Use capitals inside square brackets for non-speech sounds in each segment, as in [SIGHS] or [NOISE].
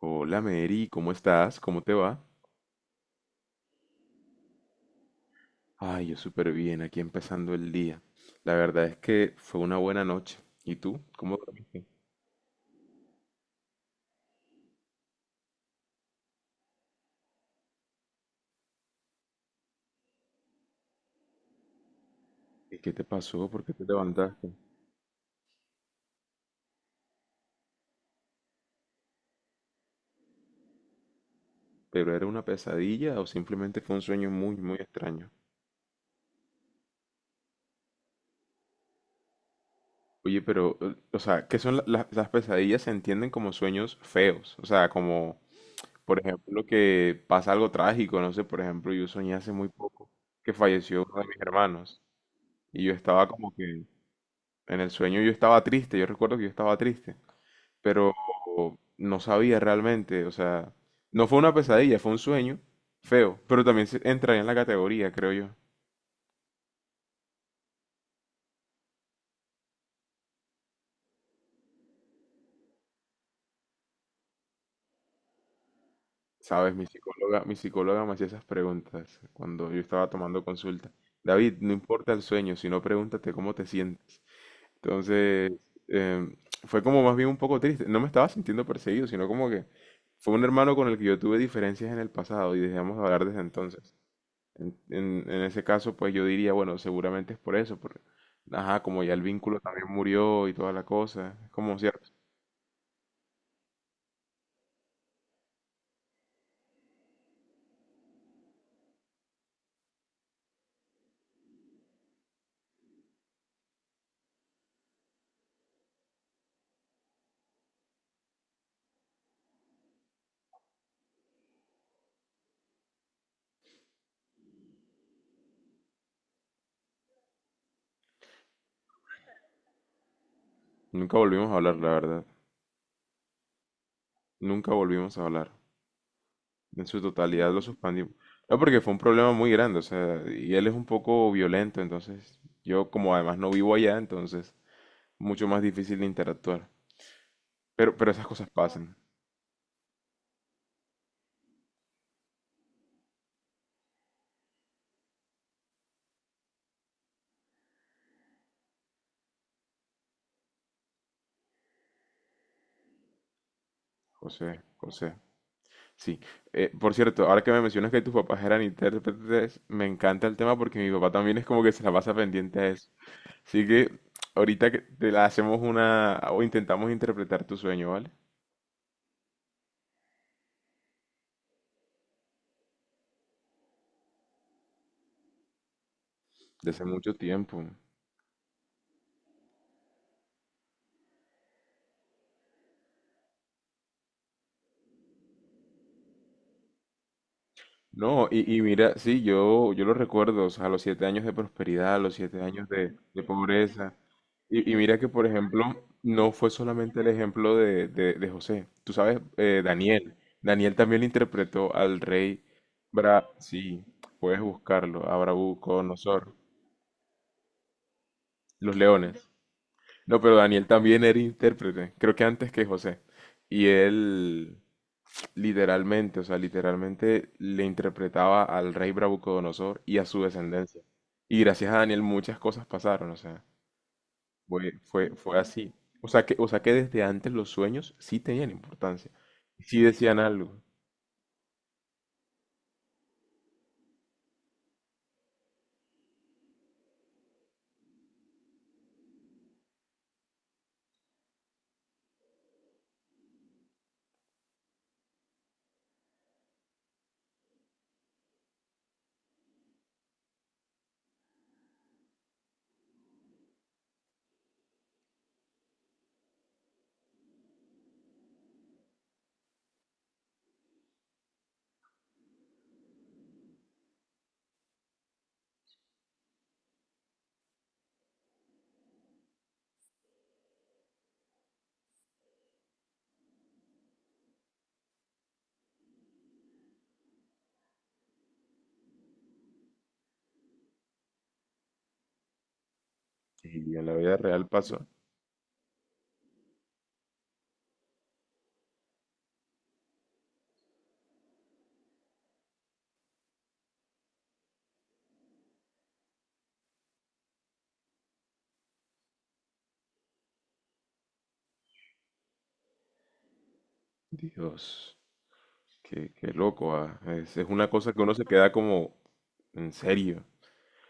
Hola Mary, ¿cómo estás? ¿Cómo te va? Ay, yo súper bien, aquí empezando el día. La verdad es que fue una buena noche. ¿Y tú? ¿Cómo dormiste? ¿Y qué te pasó? ¿Por qué te levantaste? ¿Pero era una pesadilla o simplemente fue un sueño muy, muy extraño? Oye, pero, o sea, ¿qué son las pesadillas? Se entienden como sueños feos. O sea, como, por ejemplo, que pasa algo trágico. No sé, por ejemplo, yo soñé hace muy poco que falleció uno de mis hermanos. Y yo estaba como que... En el sueño yo estaba triste, yo recuerdo que yo estaba triste, pero no sabía realmente, o sea, no fue una pesadilla, fue un sueño feo, pero también entraría en la categoría, creo yo. Sabes, mi psicóloga me hacía esas preguntas cuando yo estaba tomando consulta. David, no importa el sueño, sino pregúntate cómo te sientes. Entonces, em, fue como más bien un poco triste. No me estaba sintiendo perseguido, sino como que fue un hermano con el que yo tuve diferencias en el pasado y dejamos de hablar desde entonces. En ese caso, pues yo diría, bueno, seguramente es por eso, porque, ajá, como ya el vínculo también murió y toda la cosa, es como cierto. Nunca volvimos a hablar, la verdad. Nunca volvimos a hablar. En su totalidad lo suspendimos. No, porque fue un problema muy grande, o sea, y él es un poco violento, entonces yo como además no vivo allá, entonces mucho más difícil de interactuar. Pero esas cosas pasan. José. Sí, por cierto, ahora que me mencionas que tus papás eran intérpretes, me encanta el tema porque mi papá también es como que se la pasa pendiente a eso. Así que ahorita que te la hacemos una o intentamos interpretar tu sueño, ¿vale? Desde hace mucho tiempo. No, y mira, sí, yo lo recuerdo, o sea, los 7 años de prosperidad, los 7 años de pobreza. Y mira que, por ejemplo, no fue solamente el ejemplo de José. Tú sabes, Daniel. Daniel también interpretó al rey Sí, puedes buscarlo, a Nabucodonosor, los leones. No, pero Daniel también era intérprete, creo que antes que José. Y él, literalmente, o sea, literalmente le interpretaba al rey Nabucodonosor y a su descendencia. Y gracias a Daniel muchas cosas pasaron, o sea, fue así. O sea que desde antes los sueños sí tenían importancia, sí decían algo. Y en la vida real pasó. Dios, qué loco, ah. Es una cosa que uno se queda como, en serio.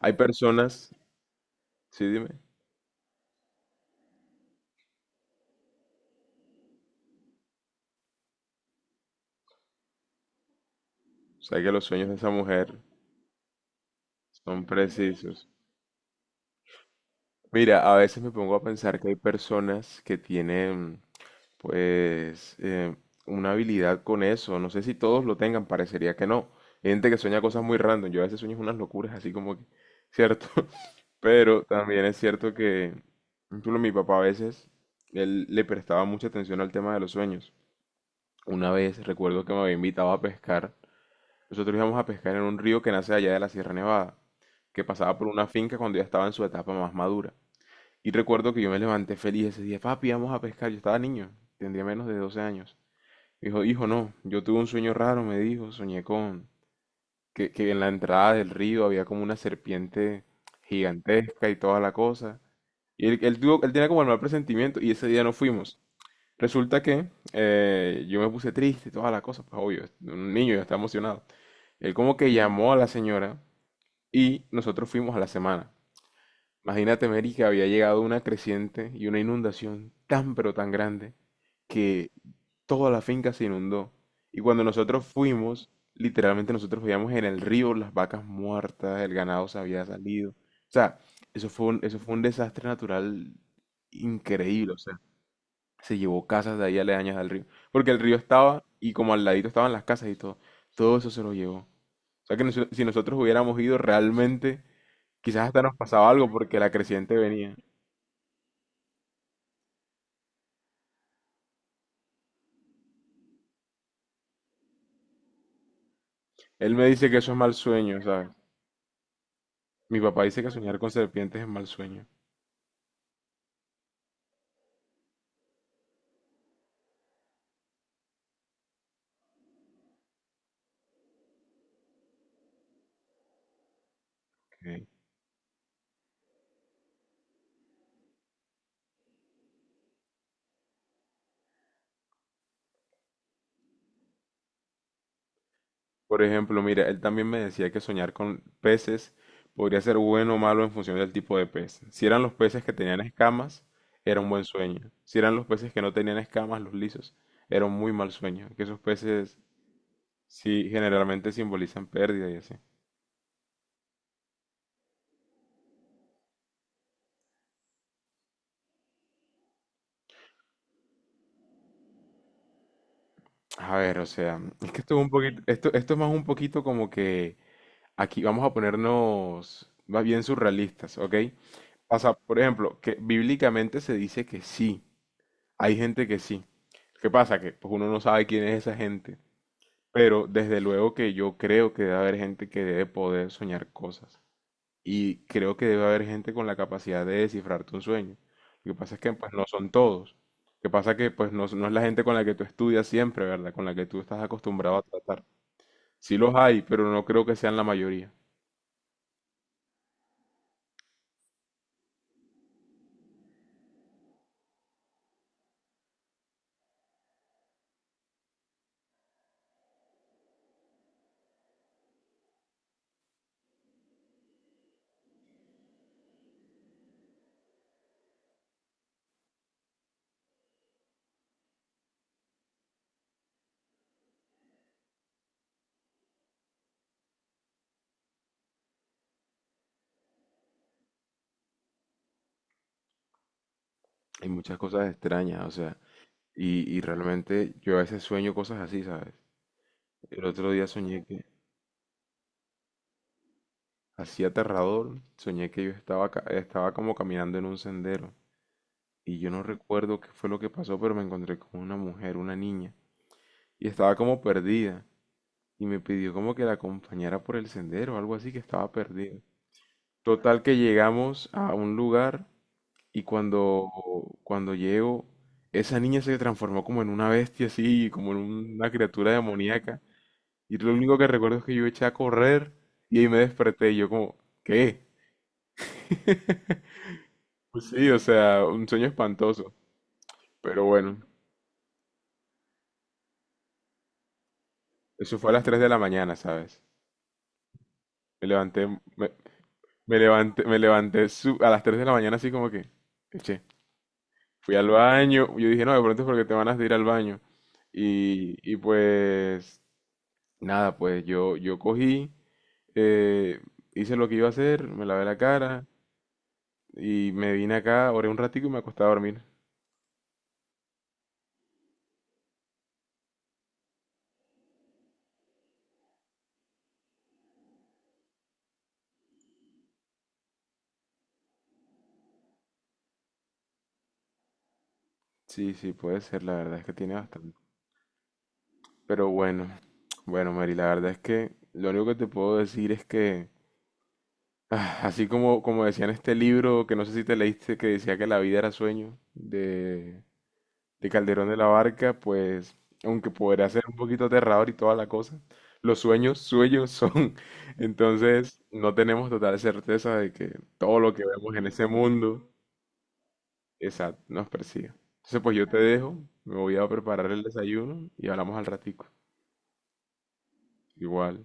Hay personas, sí, dime, o sea que los sueños de esa mujer son precisos. Mira, a veces me pongo a pensar que hay personas que tienen, pues, una habilidad con eso. No sé si todos lo tengan, parecería que no. Hay gente que sueña cosas muy random. Yo a veces sueño unas locuras, así como que, ¿cierto? [LAUGHS] Pero también es cierto que, incluso mi papá a veces, él le prestaba mucha atención al tema de los sueños. Una vez recuerdo que me había invitado a pescar. Nosotros íbamos a pescar en un río que nace allá de la Sierra Nevada, que pasaba por una finca cuando ya estaba en su etapa más madura. Y recuerdo que yo me levanté feliz ese día, papi, vamos a pescar. Yo estaba niño, tendría menos de 12 años. Me dijo, hijo, no, yo tuve un sueño raro, me dijo, soñé con que en la entrada del río había como una serpiente gigantesca y toda la cosa. Y él tenía como el mal presentimiento y ese día no fuimos. Resulta que yo me puse triste y toda la cosa, pues obvio, un niño yo estaba emocionado. Él como que llamó a la señora y nosotros fuimos a la semana. Imagínate, Mary, que había llegado una creciente y una inundación tan pero tan grande que toda la finca se inundó. Y cuando nosotros fuimos, literalmente nosotros veíamos en el río las vacas muertas, el ganado se había salido. O sea, eso fue un desastre natural increíble. O sea, se llevó casas de ahí aledañas al río. Porque el río estaba y como al ladito estaban las casas y todo. Todo eso se lo llevó. O sea que si nosotros hubiéramos ido realmente, quizás hasta nos pasaba algo porque la creciente venía. Él me dice que eso es mal sueño, ¿sabes? Mi papá dice que soñar con serpientes es mal sueño. Ok. Por ejemplo, mira, él también me decía que soñar con peces podría ser bueno o malo en función del tipo de pez. Si eran los peces que tenían escamas, era un buen sueño. Si eran los peces que no tenían escamas, los lisos, era un muy mal sueño. Que esos peces sí generalmente simbolizan pérdida y así. A ver, o sea, es que esto es un poquito, esto es más un poquito como que aquí vamos a ponernos más bien surrealistas, ¿ok? Pasa, por ejemplo, que bíblicamente se dice que sí, hay gente que sí. ¿Qué pasa? Que pues, uno no sabe quién es esa gente, pero desde luego que yo creo que debe haber gente que debe poder soñar cosas y creo que debe haber gente con la capacidad de descifrarte un sueño. Lo que pasa es que pues no son todos. Lo que pasa es que pues no, no es la gente con la que tú estudias siempre, ¿verdad? Con la que tú estás acostumbrado a tratar. Sí los hay, pero no creo que sean la mayoría. Y muchas cosas extrañas, o sea, y realmente yo a veces sueño cosas así, ¿sabes? El otro día soñé que, así aterrador, soñé que yo estaba como caminando en un sendero y yo no recuerdo qué fue lo que pasó, pero me encontré con una mujer, una niña, y estaba como perdida y me pidió como que la acompañara por el sendero, algo así que estaba perdida. Total que llegamos a un lugar y cuando llego... Esa niña se transformó como en una bestia así, como en una criatura demoníaca. Y lo único que recuerdo es que yo eché a correr y ahí me desperté y yo como, ¿qué? [LAUGHS] Pues sí, o sea, un sueño espantoso. Pero bueno, eso fue a las 3 de la mañana, ¿sabes? Me levanté, me, me a las 3 de la mañana así como que, eché fui al baño. Yo dije, no, de pronto es porque te van a ir al baño. Y pues, nada, pues yo cogí, eh, hice lo que iba a hacer, me lavé la cara y me vine acá, oré un ratico y me acosté a dormir. Sí, sí, puede ser, la verdad es que tiene bastante. Pero bueno, bueno, Mary, la verdad es que lo único que te puedo decir es que, [SIGHS] ah, así como, como decía en este libro, que no sé si te leíste, que decía que la vida era sueño, de Calderón de la Barca, pues, aunque podría ser un poquito aterrador y toda la cosa, los sueños, sueños son. [LAUGHS] Entonces, no tenemos total certeza de que todo lo que vemos en ese mundo exacto, nos persiga. Entonces, pues yo te dejo, me voy a preparar el desayuno y hablamos al ratico. Igual.